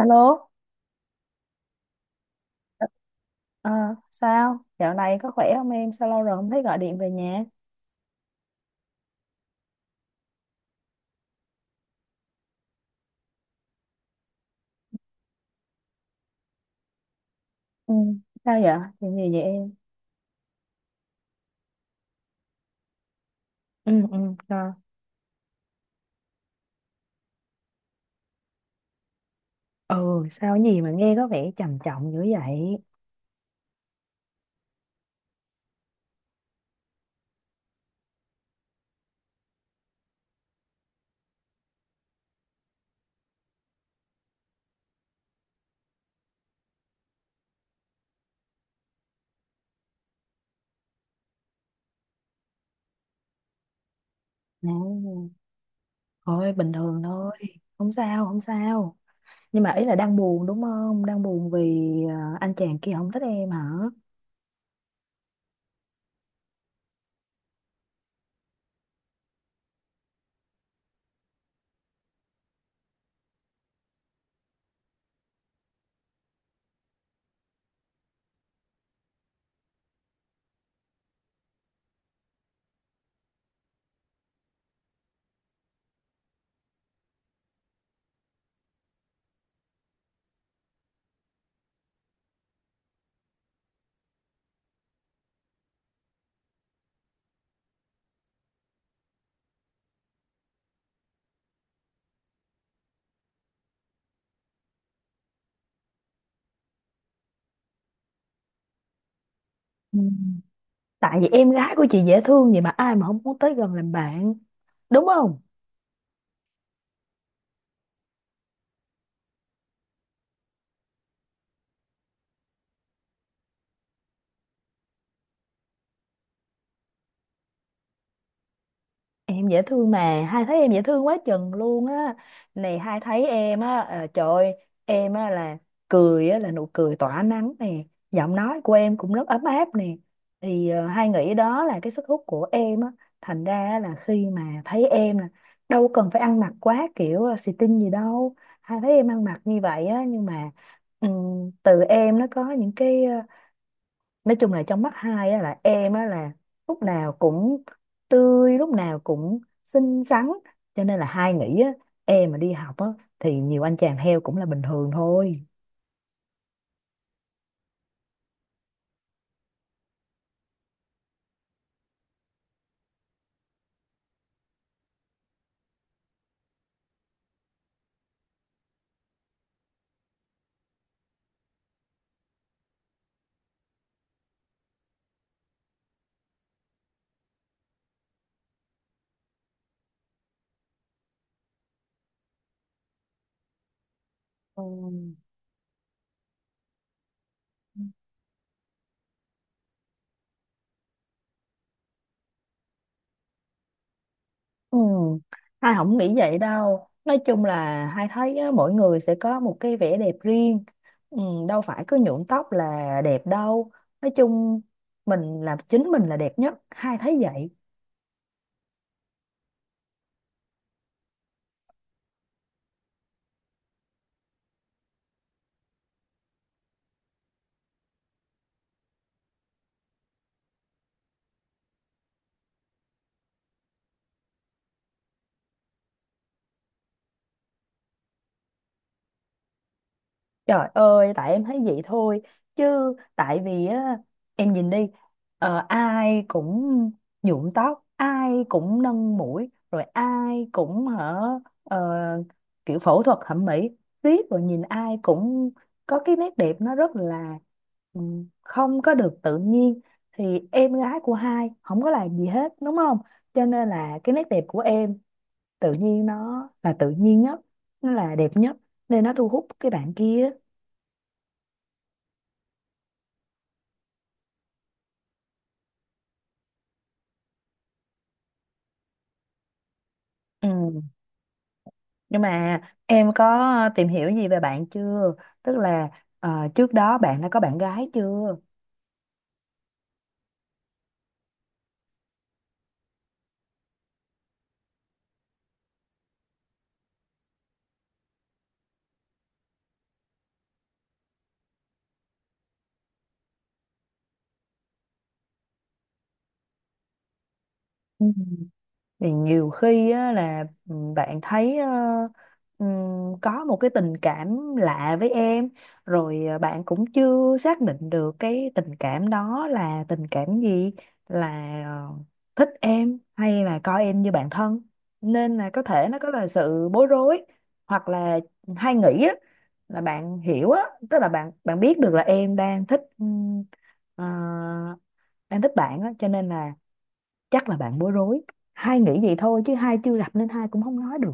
Alo. Ờ, sao? Dạo này có khỏe không em? Sao lâu rồi không thấy gọi điện về nhà? Ừ, sao vậy? Chuyện gì vậy em? Ừ, ừ, sao? Ừ, sao, cái gì mà nghe có vẻ trầm trọng dữ vậy? À, thôi bình thường thôi. Không sao, không sao. Nhưng mà ý là đang buồn đúng không? Đang buồn vì anh chàng kia không thích em hả? Ừ. Tại vì em gái của chị dễ thương vậy mà ai mà không muốn tới gần làm bạn, đúng không? Em dễ thương mà, hai thấy em dễ thương quá chừng luôn á. Này hai thấy em á, trời ơi, em á là cười á, là nụ cười tỏa nắng nè, giọng nói của em cũng rất ấm áp nè. Thì hai nghĩ đó là cái sức hút của em á, thành ra á là khi mà thấy em là đâu cần phải ăn mặc quá kiểu xì tin gì đâu. Hai thấy em ăn mặc như vậy á, nhưng mà từ em nó có những cái nói chung là trong mắt hai á, là em á, là lúc nào cũng tươi, lúc nào cũng xinh xắn, cho nên là hai nghĩ á, em mà đi học á, thì nhiều anh chàng heo cũng là bình thường thôi. Ừ. Ừ. Hai không nghĩ vậy đâu, nói chung là hai thấy á, mỗi người sẽ có một cái vẻ đẹp riêng. Ừ. Đâu phải cứ nhuộm tóc là đẹp đâu. Nói chung mình làm chính mình là đẹp nhất, hai thấy vậy. Trời ơi, tại em thấy vậy thôi. Chứ tại vì á, em nhìn đi, ai cũng nhuộm tóc, ai cũng nâng mũi, rồi ai cũng hở ờ, kiểu phẫu thuật thẩm mỹ. Riết rồi nhìn ai cũng có cái nét đẹp nó rất là ừ, không có được tự nhiên. Thì em gái của hai không có làm gì hết, đúng không? Cho nên là cái nét đẹp của em tự nhiên nó là tự nhiên nhất, nó là đẹp nhất. Nên nó thu hút cái bạn kia. Ừ. Nhưng mà em có tìm hiểu gì về bạn chưa? Tức là ờ, trước đó bạn đã có bạn gái chưa? Thì nhiều khi á, là bạn thấy có một cái tình cảm lạ với em, rồi bạn cũng chưa xác định được cái tình cảm đó là tình cảm gì, là ờ, thích em hay là coi em như bạn thân, nên là có thể nó có là sự bối rối, hoặc là hay nghĩ á, là bạn hiểu á, tức là bạn bạn biết được là em đang thích ờ, đang thích bạn á, cho nên là chắc là bạn bối rối. Hai nghĩ vậy thôi chứ hai chưa gặp nên hai cũng không nói được.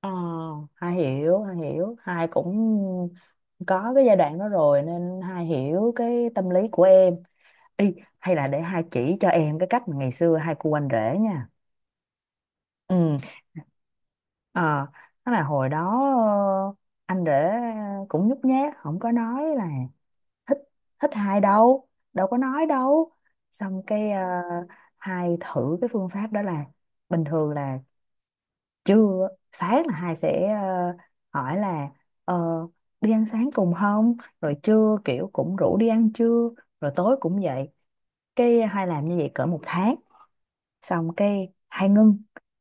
Ờ, hai hiểu, hai hiểu, hai cũng có cái giai đoạn đó rồi nên hai hiểu cái tâm lý của em. Ý, hay là để hai chỉ cho em cái cách mà ngày xưa hai cu anh rể nha. Ừ. Ờ, đó là hồi đó anh rể cũng nhút nhát, không có nói là thích thích hai đâu, đâu có nói đâu. Xong cái hai thử cái phương pháp đó là bình thường là trưa sáng là hai sẽ hỏi là ờ, đi ăn sáng cùng không, rồi trưa kiểu cũng rủ đi ăn trưa, rồi tối cũng vậy. Cái hai làm như vậy cỡ một tháng, xong cái hai ngưng,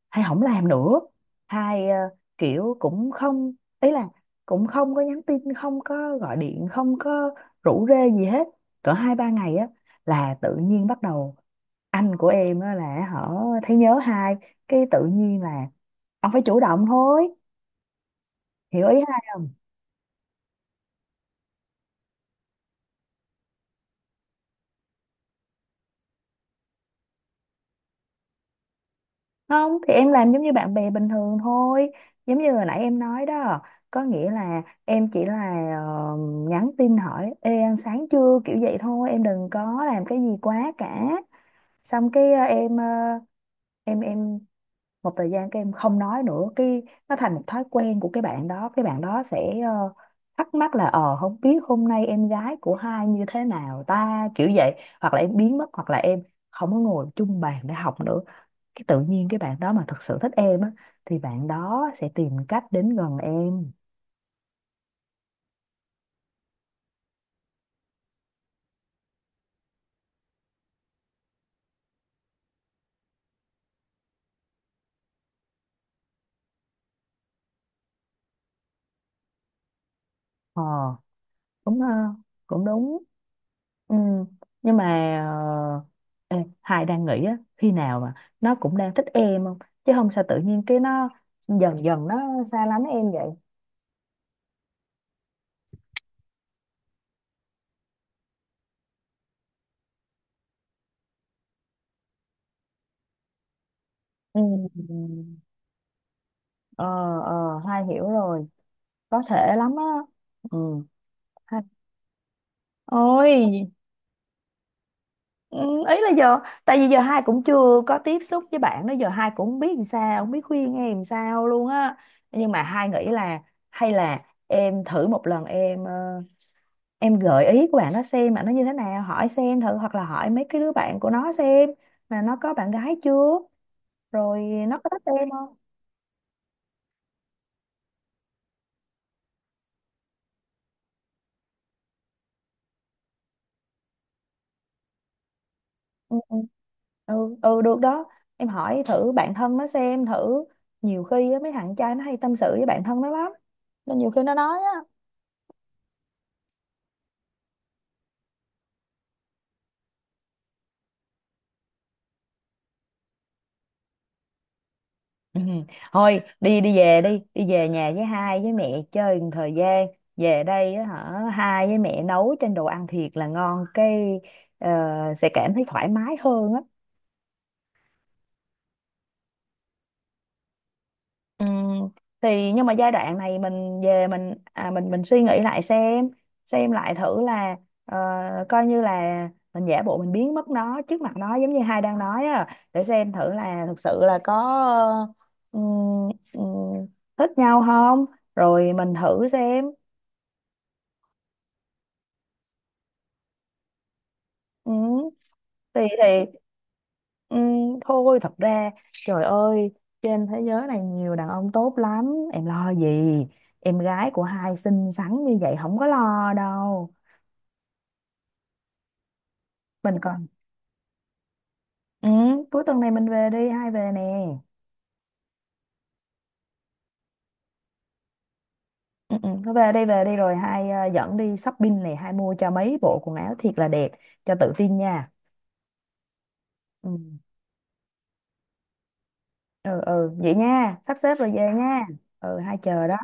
hai không làm nữa, hai kiểu cũng không, ý là cũng không có nhắn tin, không có gọi điện, không có rủ rê gì hết. Cỡ 2-3 ngày á là tự nhiên bắt đầu anh của em á là họ thấy nhớ hai, cái tự nhiên là ông phải chủ động thôi. Hiểu ý hai? Không thì em làm giống như bạn bè bình thường thôi. Giống như hồi nãy em nói đó. Có nghĩa là em chỉ là nhắn tin hỏi ê ăn sáng chưa kiểu vậy thôi. Em đừng có làm cái gì quá cả. Xong cái em một thời gian các em không nói nữa, cái nó thành một thói quen của cái bạn đó. Cái bạn đó sẽ thắc mắc là không biết hôm nay em gái của hai như thế nào ta, kiểu vậy. Hoặc là em biến mất, hoặc là em không có ngồi chung bàn để học nữa. Cái tự nhiên cái bạn đó mà thật sự thích em á thì bạn đó sẽ tìm cách đến gần em. Ờ, đúng ha, cũng đúng. Ừ. Nhưng mà ờ, ê, hai đang nghĩ á khi nào mà nó cũng đang thích em không, chứ không sao tự nhiên cái nó dần dần nó xa lánh em vậy. Ừ. ờ ờ, hai hiểu rồi, có thể lắm á. Ừ. Hai- Ôi. Ừ, ý là giờ tại vì giờ hai cũng chưa có tiếp xúc với bạn đó, giờ hai cũng không biết làm sao, không biết khuyên em làm sao luôn á. Nhưng mà hai nghĩ là hay là em thử một lần, em gợi ý của bạn nó xem mà nó như thế nào, hỏi xem thử, hoặc là hỏi mấy cái đứa bạn của nó xem là nó có bạn gái chưa, rồi nó có thích em không. Ừ, ừ, ừ, ừ, được đó. Em hỏi thử bạn thân nó xem thử, nhiều khi á, mấy thằng trai nó hay tâm sự với bạn thân nó lắm, nên nhiều khi nó nói á. Ừ. Thôi đi đi, về đi đi, về nhà với hai với mẹ chơi một thời gian. Về đây á hả, hai với mẹ nấu trên đồ ăn thiệt là ngon, cái ờ, sẽ cảm thấy thoải mái hơn á. Ừ. Thì nhưng mà giai đoạn này mình về, mình suy nghĩ lại xem lại thử là ờ, coi như là mình giả bộ mình biến mất nó, trước mặt nó, giống như hai đang nói á, để xem thử là thực sự là có ờ, ừ, ừ, thích nhau không, rồi mình thử xem. Ừ, thì ừ, thôi thật ra, trời ơi, trên thế giới này nhiều đàn ông tốt lắm, em lo gì, em gái của hai xinh xắn như vậy không có lo đâu. Mình còn ừ, cuối tuần này mình về, đi hai về nè. Ừ, ừ, thôi về đi, về đi, rồi hai dẫn đi shopping này, hai mua cho mấy bộ quần áo thiệt là đẹp, cho tự tin nha. Ừ, ừ, ừ, vậy nha, sắp xếp rồi về nha. Ừ, hai chờ đó.